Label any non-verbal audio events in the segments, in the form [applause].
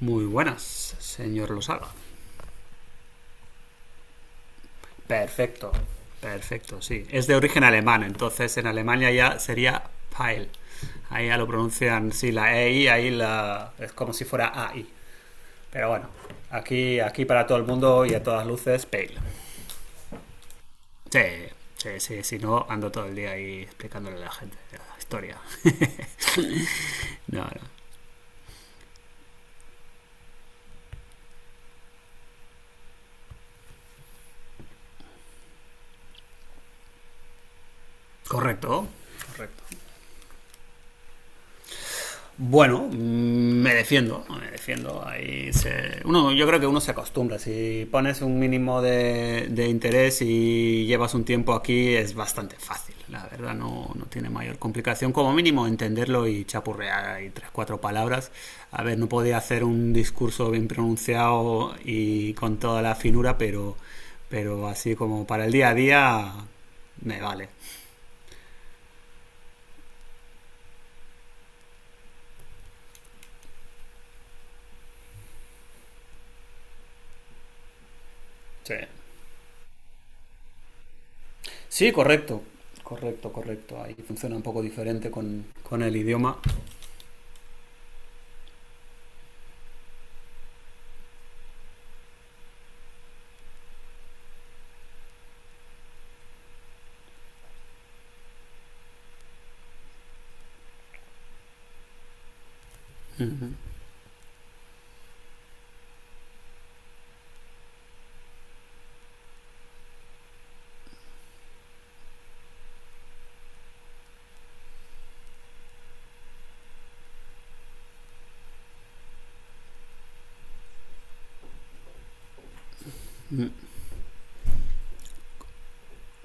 Muy buenas, señor Losaga. Perfecto, perfecto, sí. Es de origen alemán, entonces en Alemania ya sería Pile. Ahí ya lo pronuncian, sí, la e EI, ahí la, es como si fuera a AI. Pero bueno, aquí, aquí para todo el mundo y a todas luces, Pale. Sí, sí, sí, si no, ando todo el día ahí explicándole a la gente la historia. [laughs] No, no. Correcto, correcto. Bueno, me defiendo, me defiendo. Ahí uno, yo creo que uno se acostumbra. Si pones un mínimo de interés y llevas un tiempo aquí, es bastante fácil. La verdad, no, no tiene mayor complicación. Como mínimo, entenderlo y chapurrear ahí tres, cuatro palabras. A ver, no podía hacer un discurso bien pronunciado y con toda la finura, pero así como para el día a día, me vale. Sí. Sí, correcto. Correcto, correcto. Ahí funciona un poco diferente con el idioma.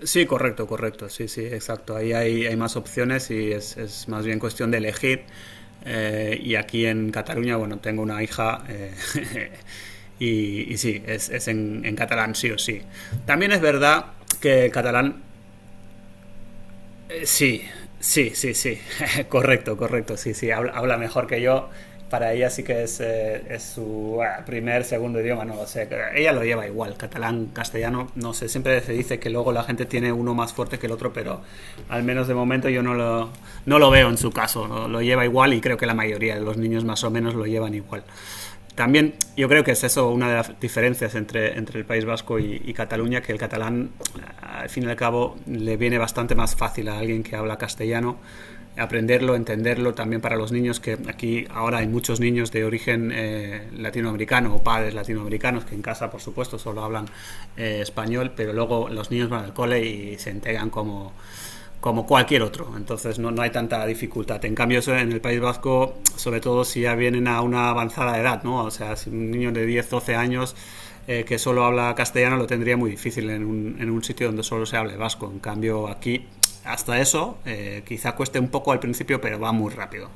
Sí, correcto, correcto. Sí, sí, exacto. Ahí hay, hay más opciones y es más bien cuestión de elegir. Y aquí en Cataluña, bueno, tengo una hija [laughs] y, sí, es en, catalán sí o sí. También es verdad que el catalán. Sí, sí, sí, sí. [laughs] Correcto, correcto. Sí, sí. Habla, habla mejor que yo. Para ella sí que es su primer, segundo idioma, no lo sé. Ella lo lleva igual, catalán, castellano, no sé. Siempre se dice que luego la gente tiene uno más fuerte que el otro, pero al menos de momento yo no no lo veo en su caso, ¿no? Lo lleva igual y creo que la mayoría de los niños más o menos lo llevan igual. También yo creo que es eso una de las diferencias entre, entre el País Vasco y Cataluña, que el catalán, al fin y al cabo, le viene bastante más fácil a alguien que habla castellano aprenderlo, entenderlo también para los niños, que aquí ahora hay muchos niños de origen latinoamericano o padres latinoamericanos que en casa, por supuesto, solo hablan español, pero luego los niños van al cole y se entregan como como cualquier otro. Entonces no, no hay tanta dificultad. En cambio, eso en el País Vasco, sobre todo si ya vienen a una avanzada edad, ¿no? O sea, si un niño de 10 12 años que solo habla castellano lo tendría muy difícil en un sitio donde solo se hable vasco. En cambio, aquí, hasta eso, quizá cueste un poco al principio, pero va muy rápido.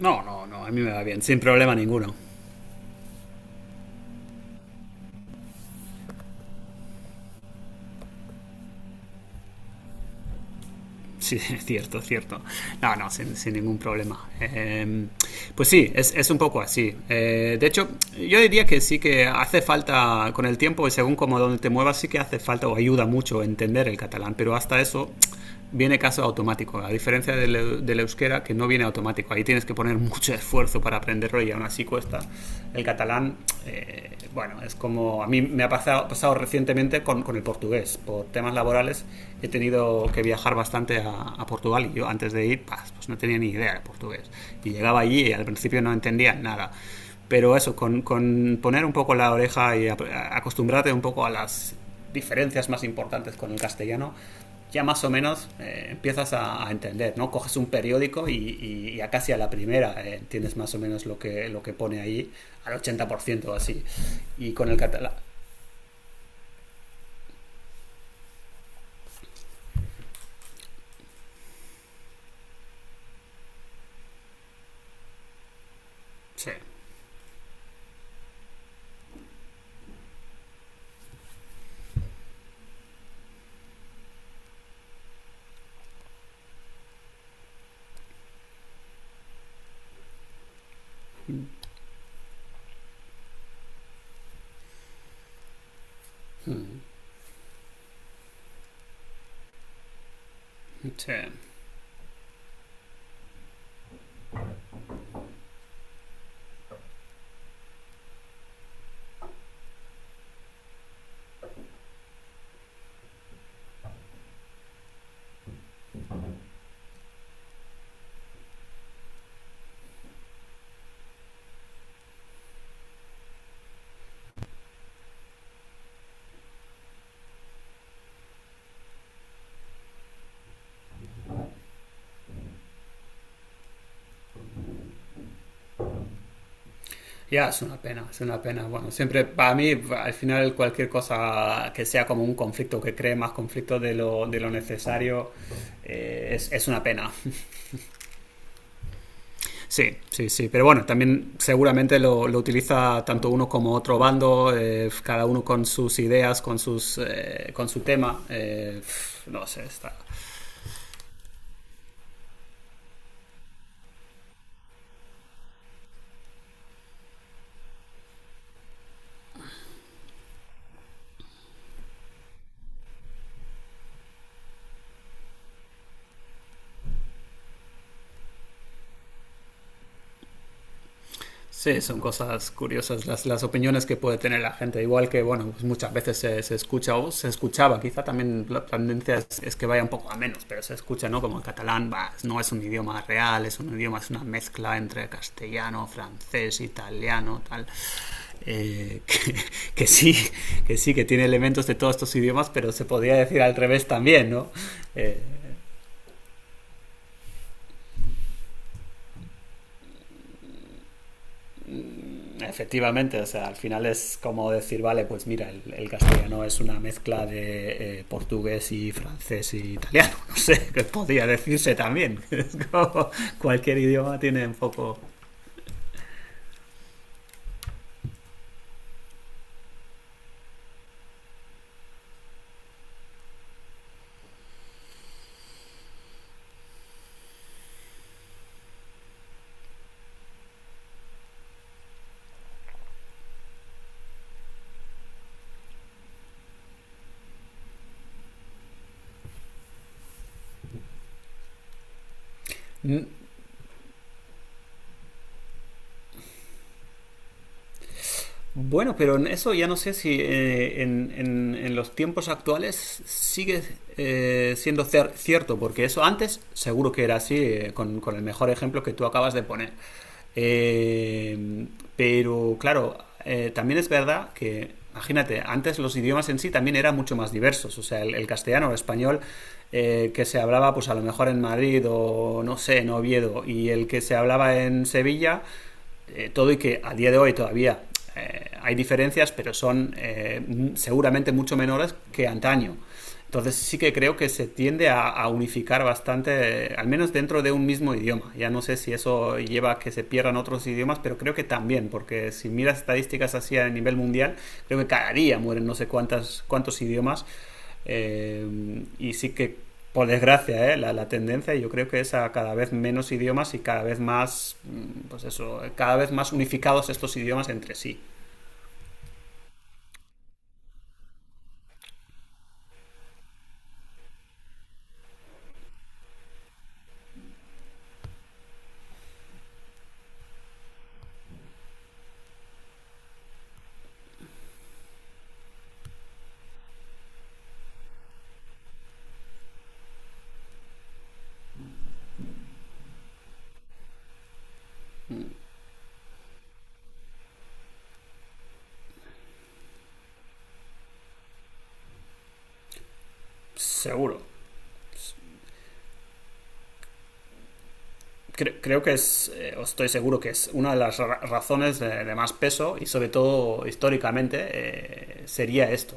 No, no, no, a mí me va bien, sin problema ninguno. [laughs] Sí, es cierto, es cierto. No, no, sin, sin ningún problema. Pues sí, es, un poco así. De hecho, yo diría que sí que hace falta, con el tiempo y según como donde te muevas, sí que hace falta o ayuda mucho entender el catalán, pero hasta eso viene caso automático, a diferencia del, del euskera que no viene automático. Ahí tienes que poner mucho esfuerzo para aprenderlo y aún así cuesta. El catalán, bueno, es como a mí me ha pasado, pasado recientemente con el portugués, por temas laborales he tenido que viajar bastante a Portugal y yo antes de ir pues, pues no tenía ni idea de portugués y llegaba allí y al principio no entendía nada, pero eso con poner un poco la oreja y a acostumbrarte un poco a las diferencias más importantes con el castellano ya más o menos empiezas a, entender, ¿no? Coges un periódico y a casi a la primera entiendes más o menos lo que pone ahí, al 80% así. Y con el catalán... Sí. Sí. Ya, es una pena, es una pena. Bueno, siempre para mí, al final, cualquier cosa que sea como un conflicto, que cree más conflicto de lo necesario, es, una pena. Sí, sí, sí. Pero bueno, también seguramente lo utiliza tanto uno como otro bando, cada uno con sus ideas, con, sus, con su tema. No sé, está, Sí, son cosas curiosas las opiniones que puede tener la gente. Igual que, bueno, pues muchas veces se, se escucha o se escuchaba, quizá también la tendencia es que vaya un poco a menos, pero se escucha, ¿no? Como el catalán bah, no es un idioma real, es un idioma, es una mezcla entre castellano, francés, italiano, tal. Eh, [laughs] que, que, sí, que sí, que tiene elementos de todos estos idiomas, pero se podría decir al revés también, ¿no? Eh, Efectivamente, o sea, al final es como decir, vale, pues mira, el castellano es una mezcla de portugués y francés y italiano, [laughs] no sé, que podría decirse también. [laughs] Es como cualquier idioma tiene un poco... Bueno, pero en eso ya no sé si en los tiempos actuales sigue siendo cierto, porque eso antes seguro que era así, con el mejor ejemplo que tú acabas de poner. Eh, pero claro, también es verdad que, imagínate, antes los idiomas en sí también eran mucho más diversos, o sea, el castellano o el español que se hablaba pues a lo mejor en Madrid o no sé, en Oviedo, y el que se hablaba en Sevilla todo y que a día de hoy todavía hay diferencias, pero son seguramente mucho menores que antaño. Entonces sí que creo que se tiende a unificar bastante, al menos dentro de un mismo idioma. Ya no sé si eso lleva a que se pierdan otros idiomas, pero creo que también, porque si miras estadísticas así a nivel mundial, creo que cada día mueren no sé cuántas, cuántos idiomas, y sí que, por desgracia, ¿eh? La, tendencia yo creo que es a cada vez menos idiomas y cada vez más, pues eso, cada vez más unificados estos idiomas entre sí. Seguro. Creo que es, estoy seguro que es una de las razones de más peso y sobre todo históricamente sería esto.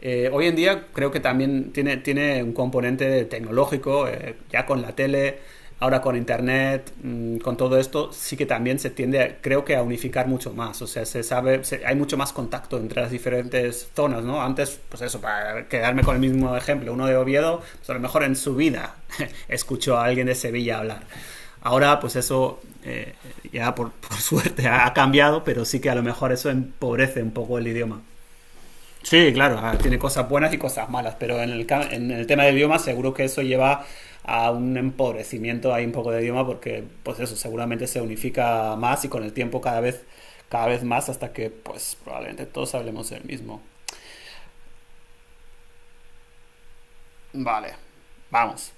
Hoy en día creo que también tiene, tiene un componente tecnológico, ya con la tele, ahora con internet, con todo esto, sí que también se tiende, creo que, a unificar mucho más. O sea, se sabe, hay mucho más contacto entre las diferentes zonas, ¿no? Antes, pues eso, para quedarme con el mismo ejemplo, uno de Oviedo, pues a lo mejor en su vida [laughs] escuchó a alguien de Sevilla hablar. Ahora, pues eso ya por, [laughs] por, suerte ha cambiado, pero sí que a lo mejor eso empobrece un poco el idioma. Sí, claro, ah, tiene cosas buenas y cosas malas, pero en el tema del idioma seguro que eso lleva a un empobrecimiento ahí un poco de idioma porque pues eso seguramente se unifica más y con el tiempo cada vez más hasta que pues probablemente todos hablemos el mismo. Vale, vamos.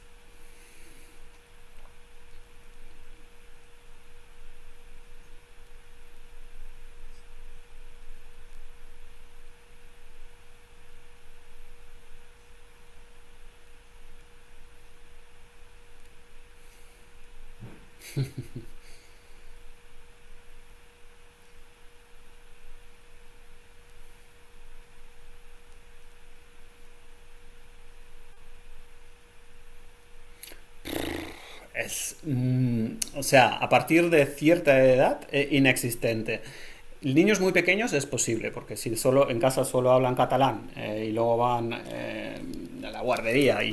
Es, o sea, a partir de cierta edad, inexistente. Niños muy pequeños es posible, porque si solo en casa solo hablan catalán y luego van a la guardería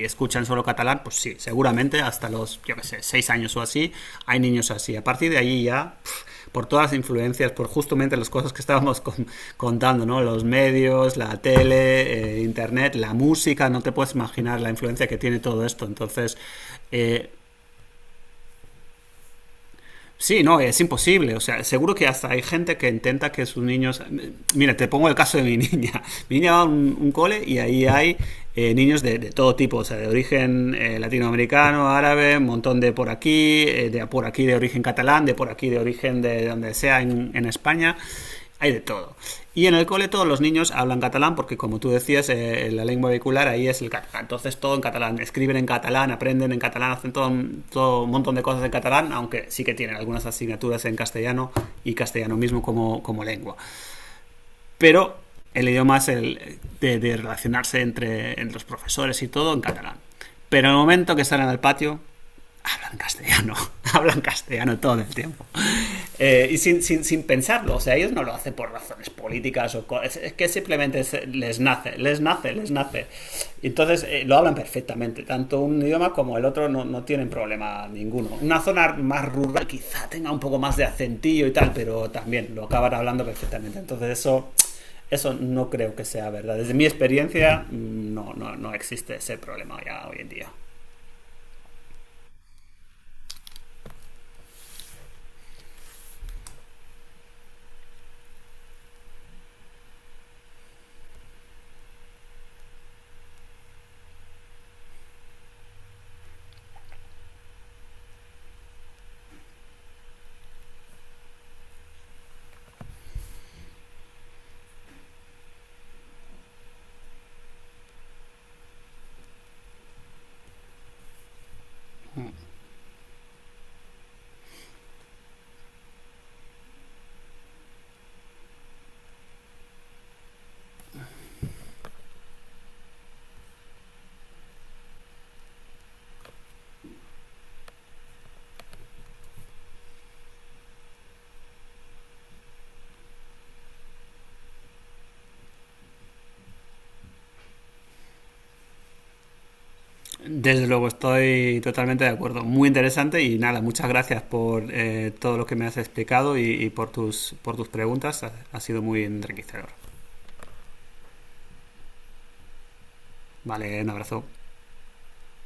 y, escuchan solo catalán, pues sí, seguramente hasta los, yo qué sé, seis años o así, hay niños así. A partir de ahí ya, pff, por todas las influencias, por justamente las cosas que estábamos contando, ¿no? Los medios, la tele, internet, la música, no te puedes imaginar la influencia que tiene todo esto. Entonces, eh, sí, no, es imposible. O sea, seguro que hasta hay gente que intenta que sus niños. Mira, te pongo el caso de mi [laughs] niña. Mi niña va a un cole y ahí hay niños de, todo tipo, o sea, de origen latinoamericano, árabe, un montón de por aquí, de por aquí de origen catalán, de por aquí de origen de donde sea en España hay de todo. Y en el cole todos los niños hablan catalán porque, como tú decías, la lengua vehicular ahí es el catalán. Entonces todo en catalán, escriben en catalán, aprenden en catalán, hacen todo, todo un montón de cosas en catalán, aunque sí que tienen algunas asignaturas en castellano y castellano mismo como, como lengua. Pero el idioma es el de relacionarse entre, entre los profesores y todo en catalán. Pero en el momento que salen al patio, hablan castellano, [laughs] hablan castellano todo el tiempo. Y sin, sin, sin, pensarlo, o sea, ellos no lo hacen por razones políticas o es que simplemente les nace, les nace, les nace. Entonces lo hablan perfectamente, tanto un idioma como el otro no, no, tienen problema ninguno. Una zona más rural quizá tenga un poco más de acentillo y tal, pero también lo acaban hablando perfectamente. Entonces eso no creo que sea verdad. Desde mi experiencia no, no, no existe ese problema ya hoy en día. Desde luego, estoy totalmente de acuerdo. Muy interesante y nada, muchas gracias por todo lo que me has explicado y por tus preguntas. Ha, ha sido muy enriquecedor. Vale, un abrazo.